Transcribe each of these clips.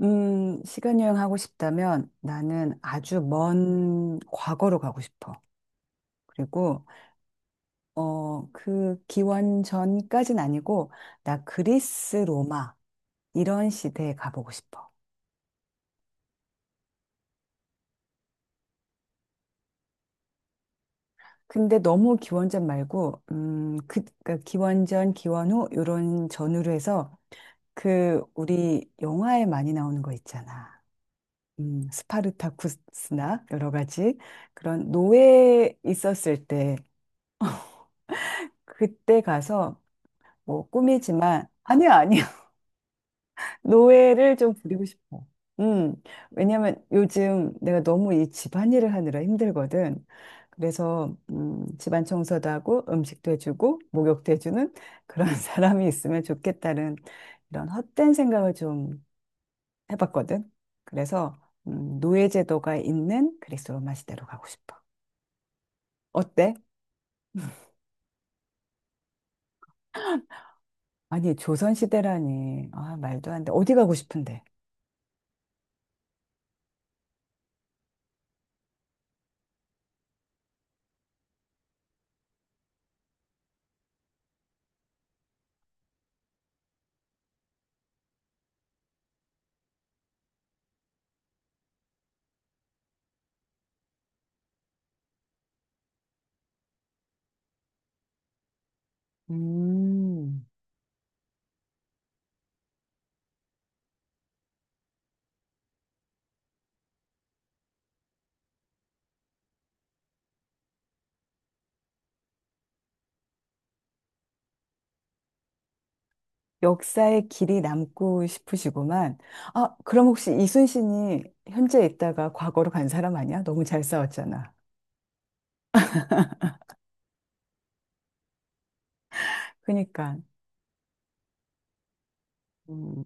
시간 여행하고 싶다면 나는 아주 먼 과거로 가고 싶어. 그리고, 기원 전까진 아니고, 나 그리스, 로마, 이런 시대에 가보고 싶어. 근데 너무 기원전 말고, 기원전, 기원 후, 요런 전후로 해서, 우리 영화에 많이 나오는 거 있잖아. 스파르타쿠스나 여러 가지 그런 노예 있었을 때, 그때 가서 뭐 꿈이지만 아니야. 노예를 좀 부리고 싶어. 음 왜냐면 요즘 내가 너무 이 집안일을 하느라 힘들거든. 그래서 집안 청소도 하고 음식도 해주고 목욕도 해주는 그런 사람이 있으면 좋겠다는 이런 헛된 생각을 좀 해봤거든. 그래서 노예 제도가 있는 그리스 로마 시대로 가고 싶어. 어때? 아니 조선 시대라니 아 말도 안 돼. 어디 가고 싶은데? 음. 역사의 길이 남고 싶으시구만. 아, 그럼 혹시 이순신이 현재 있다가 과거로 간 사람 아니야? 너무 잘 싸웠잖아. 그니까. 음,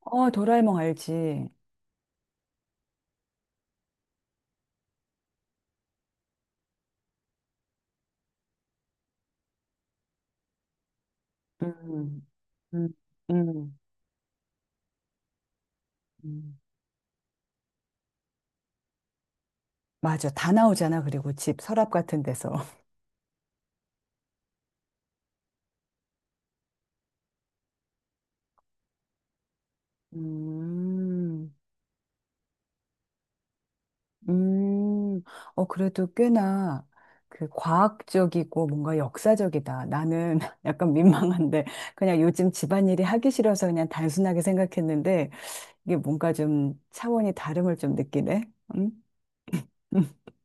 어, 도라에몽 알지. 음, 음, 음, 음, 맞아. 다 나오잖아. 그리고 집 서랍 같은 데서. 음. 음, 어, 그래도 꽤나 그 과학적이고 뭔가 역사적이다. 나는 약간 민망한데 그냥 요즘 집안일이 하기 싫어서 그냥 단순하게 생각했는데 이게 뭔가 좀 차원이 다름을 좀 느끼네. 음?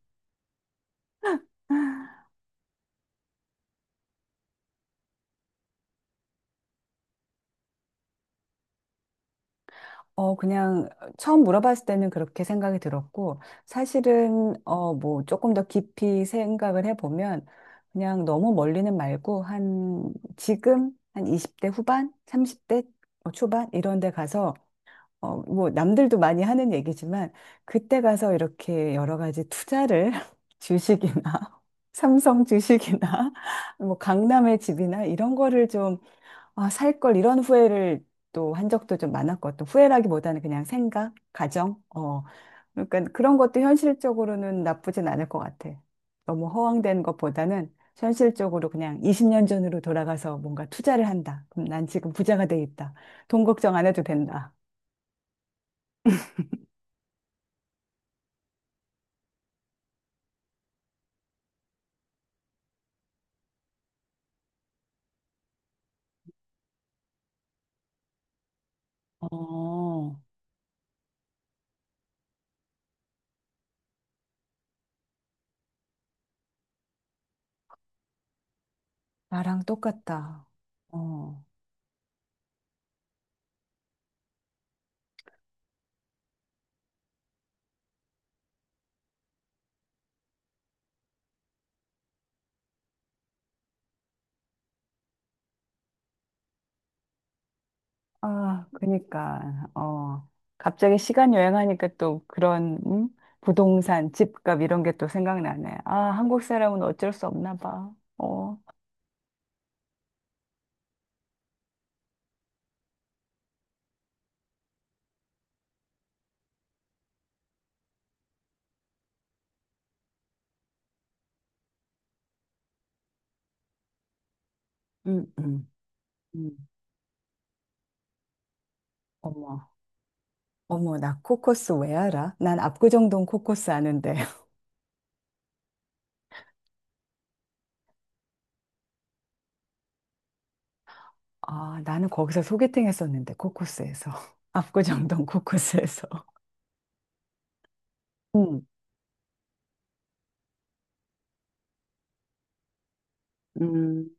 어, 그냥 처음 물어봤을 때는 그렇게 생각이 들었고, 사실은, 조금 더 깊이 생각을 해보면, 그냥 너무 멀리는 말고, 한 20대 후반, 30대 초반, 이런 데 가서, 남들도 많이 하는 얘기지만, 그때 가서 이렇게 여러 가지 투자를, 주식이나, 삼성 주식이나, 강남의 집이나, 이런 거를 좀 아, 살 걸 이런 후회를 또 한 적도 좀 많았고, 또 후회라기보다는 그냥 생각, 가정, 어. 그러니까 그런 것도 현실적으로는 나쁘진 않을 것 같아. 너무 허황된 것보다는 현실적으로 그냥 20년 전으로 돌아가서 뭔가 투자를 한다. 그럼 난 지금 부자가 돼 있다. 돈 걱정 안 해도 된다. 어, 나랑 똑같다. 어. 아, 그니까, 어, 갑자기 시간 여행하니까 또 그런, 음? 부동산, 집값 이런 게 또 생각나네. 아, 한국 사람은 어쩔 수 없나 봐. 어, 음, 음. 음, 어머. 어머, 나 코코스 왜 알아? 난 압구정동 코코스 아는데. 아, 나는 거기서 소개팅 했었는데, 코코스에서. 압구정동 코코스에서. 음, 음.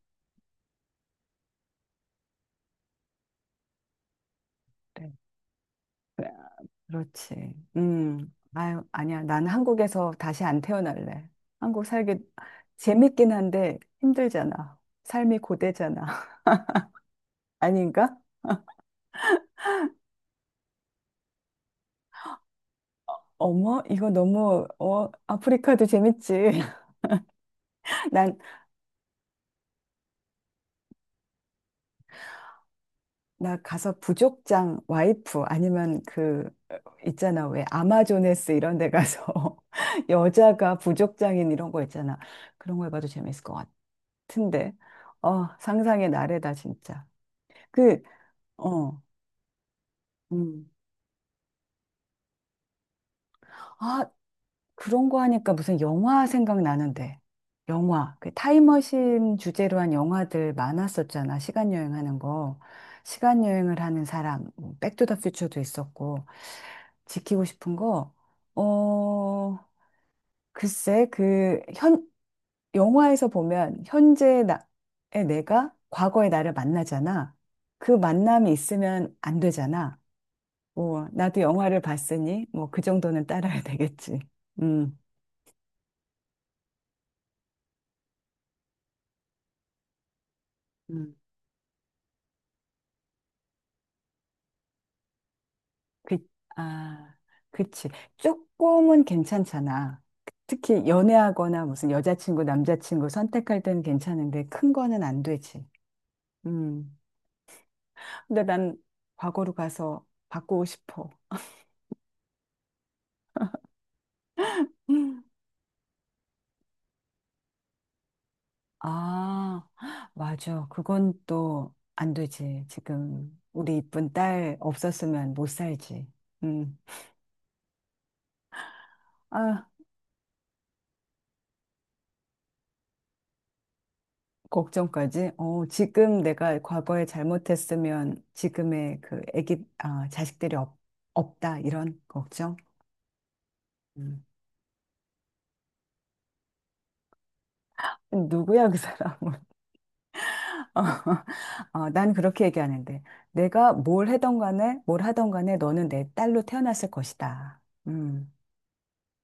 그래. 그렇지. 음. 아유, 아니야. 난 한국에서 다시 안 태어날래. 한국 살기 재밌긴 한데 힘들잖아. 삶이 고되잖아. 아닌가? 어머, 이거 너무, 어, 아프리카도 재밌지. 난, 나 가서 부족장 와이프 아니면 그, 있잖아. 왜 아마조네스 이런 데 가서 여자가 부족장인 이런 거 있잖아. 그런 거 해봐도 재밌을 것 같은데. 어, 상상의 나래다, 진짜. 그, 어. 음. 아, 그런 거 하니까 무슨 영화 생각나는데. 영화. 그 타임머신 주제로 한 영화들 많았었잖아. 시간 여행하는 거. 시간 여행을 하는 사람. 뭐 백투더퓨처도 있었고. 지키고 싶은 거. 어, 글쎄, 영화에서 보면 현재의 나의 내가 과거의 나를 만나잖아. 그 만남이 있으면 안 되잖아. 뭐, 나도 영화를 봤으니 뭐 그 정도는 따라야 되겠지. 음. 음. 그, 아, 그치. 조금은 괜찮잖아. 특히 연애하거나 무슨 여자친구, 남자친구 선택할 때는 괜찮은데 큰 거는 안 되지. 음. 근데 난 과거로 가서 바꾸고 싶어. 음. 아, 맞아. 그건 또 안 되지. 지금 우리 이쁜 딸 없었으면 못 살지. 음. 아, 걱정까지? 어, 지금 내가 과거에 잘못했으면 지금의 그 애기, 아, 자식들이 없, 없다, 이런 걱정? 음. 누구야, 그 사람은? 난 그렇게 얘기하는데. 내가 뭘 해던 간에, 뭘 하던 간에 너는 내 딸로 태어났을 것이다. 음.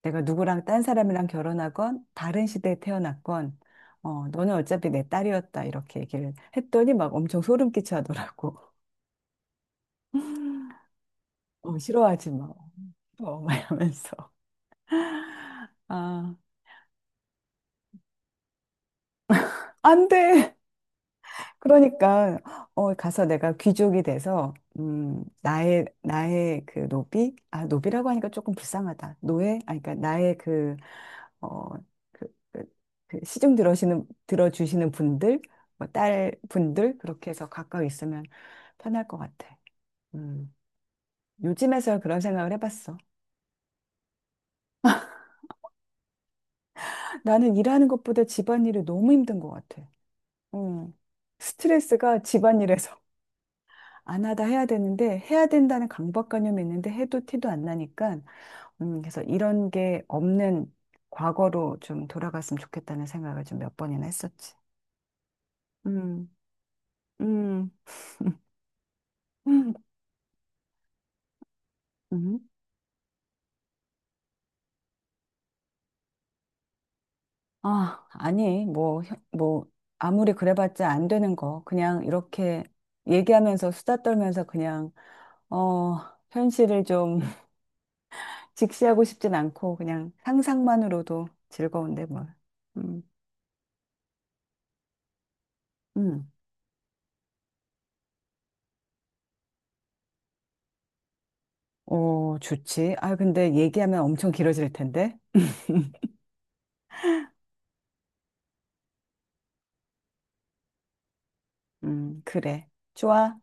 내가 누구랑 딴 사람이랑 결혼하건, 다른 시대에 태어났건, 어, 너는 어차피 내 딸이었다. 이렇게 얘기를 했더니 막 엄청 소름 끼쳐하더라고. 어, 싫어하지 마. 어, 막 이러면서. 아, 안 돼! 그러니까, 어, 가서 내가 귀족이 돼서, 나의 그 노비? 아, 노비라고 하니까 조금 불쌍하다. 노예? 아, 그러니까 나의 그, 어, 그, 그, 그 들어주시는 분들, 뭐, 딸 분들, 그렇게 해서 가까이 있으면 편할 것 같아. 음, 요즘에서야 그런 생각을 해봤어. 나는 일하는 것보다 집안일이 너무 힘든 것 같아. 음, 스트레스가 집안일에서 안 하다 해야 되는데 해야 된다는 강박관념이 있는데 해도 티도 안 나니까 그래서 이런 게 없는 과거로 좀 돌아갔으면 좋겠다는 생각을 좀 몇 번이나 했었지. 음, 음, 음. 아, 아니, 뭐, 혀- 뭐, 아무리 그래봤자 안 되는 거. 그냥 이렇게 얘기하면서 수다 떨면서 그냥, 어, 현실을 좀 직시하고 싶진 않고 그냥 상상만으로도 즐거운데 뭐. 음, 음. 어, 좋지. 아, 근데 얘기하면 엄청 길어질 텐데. 그래. 좋아.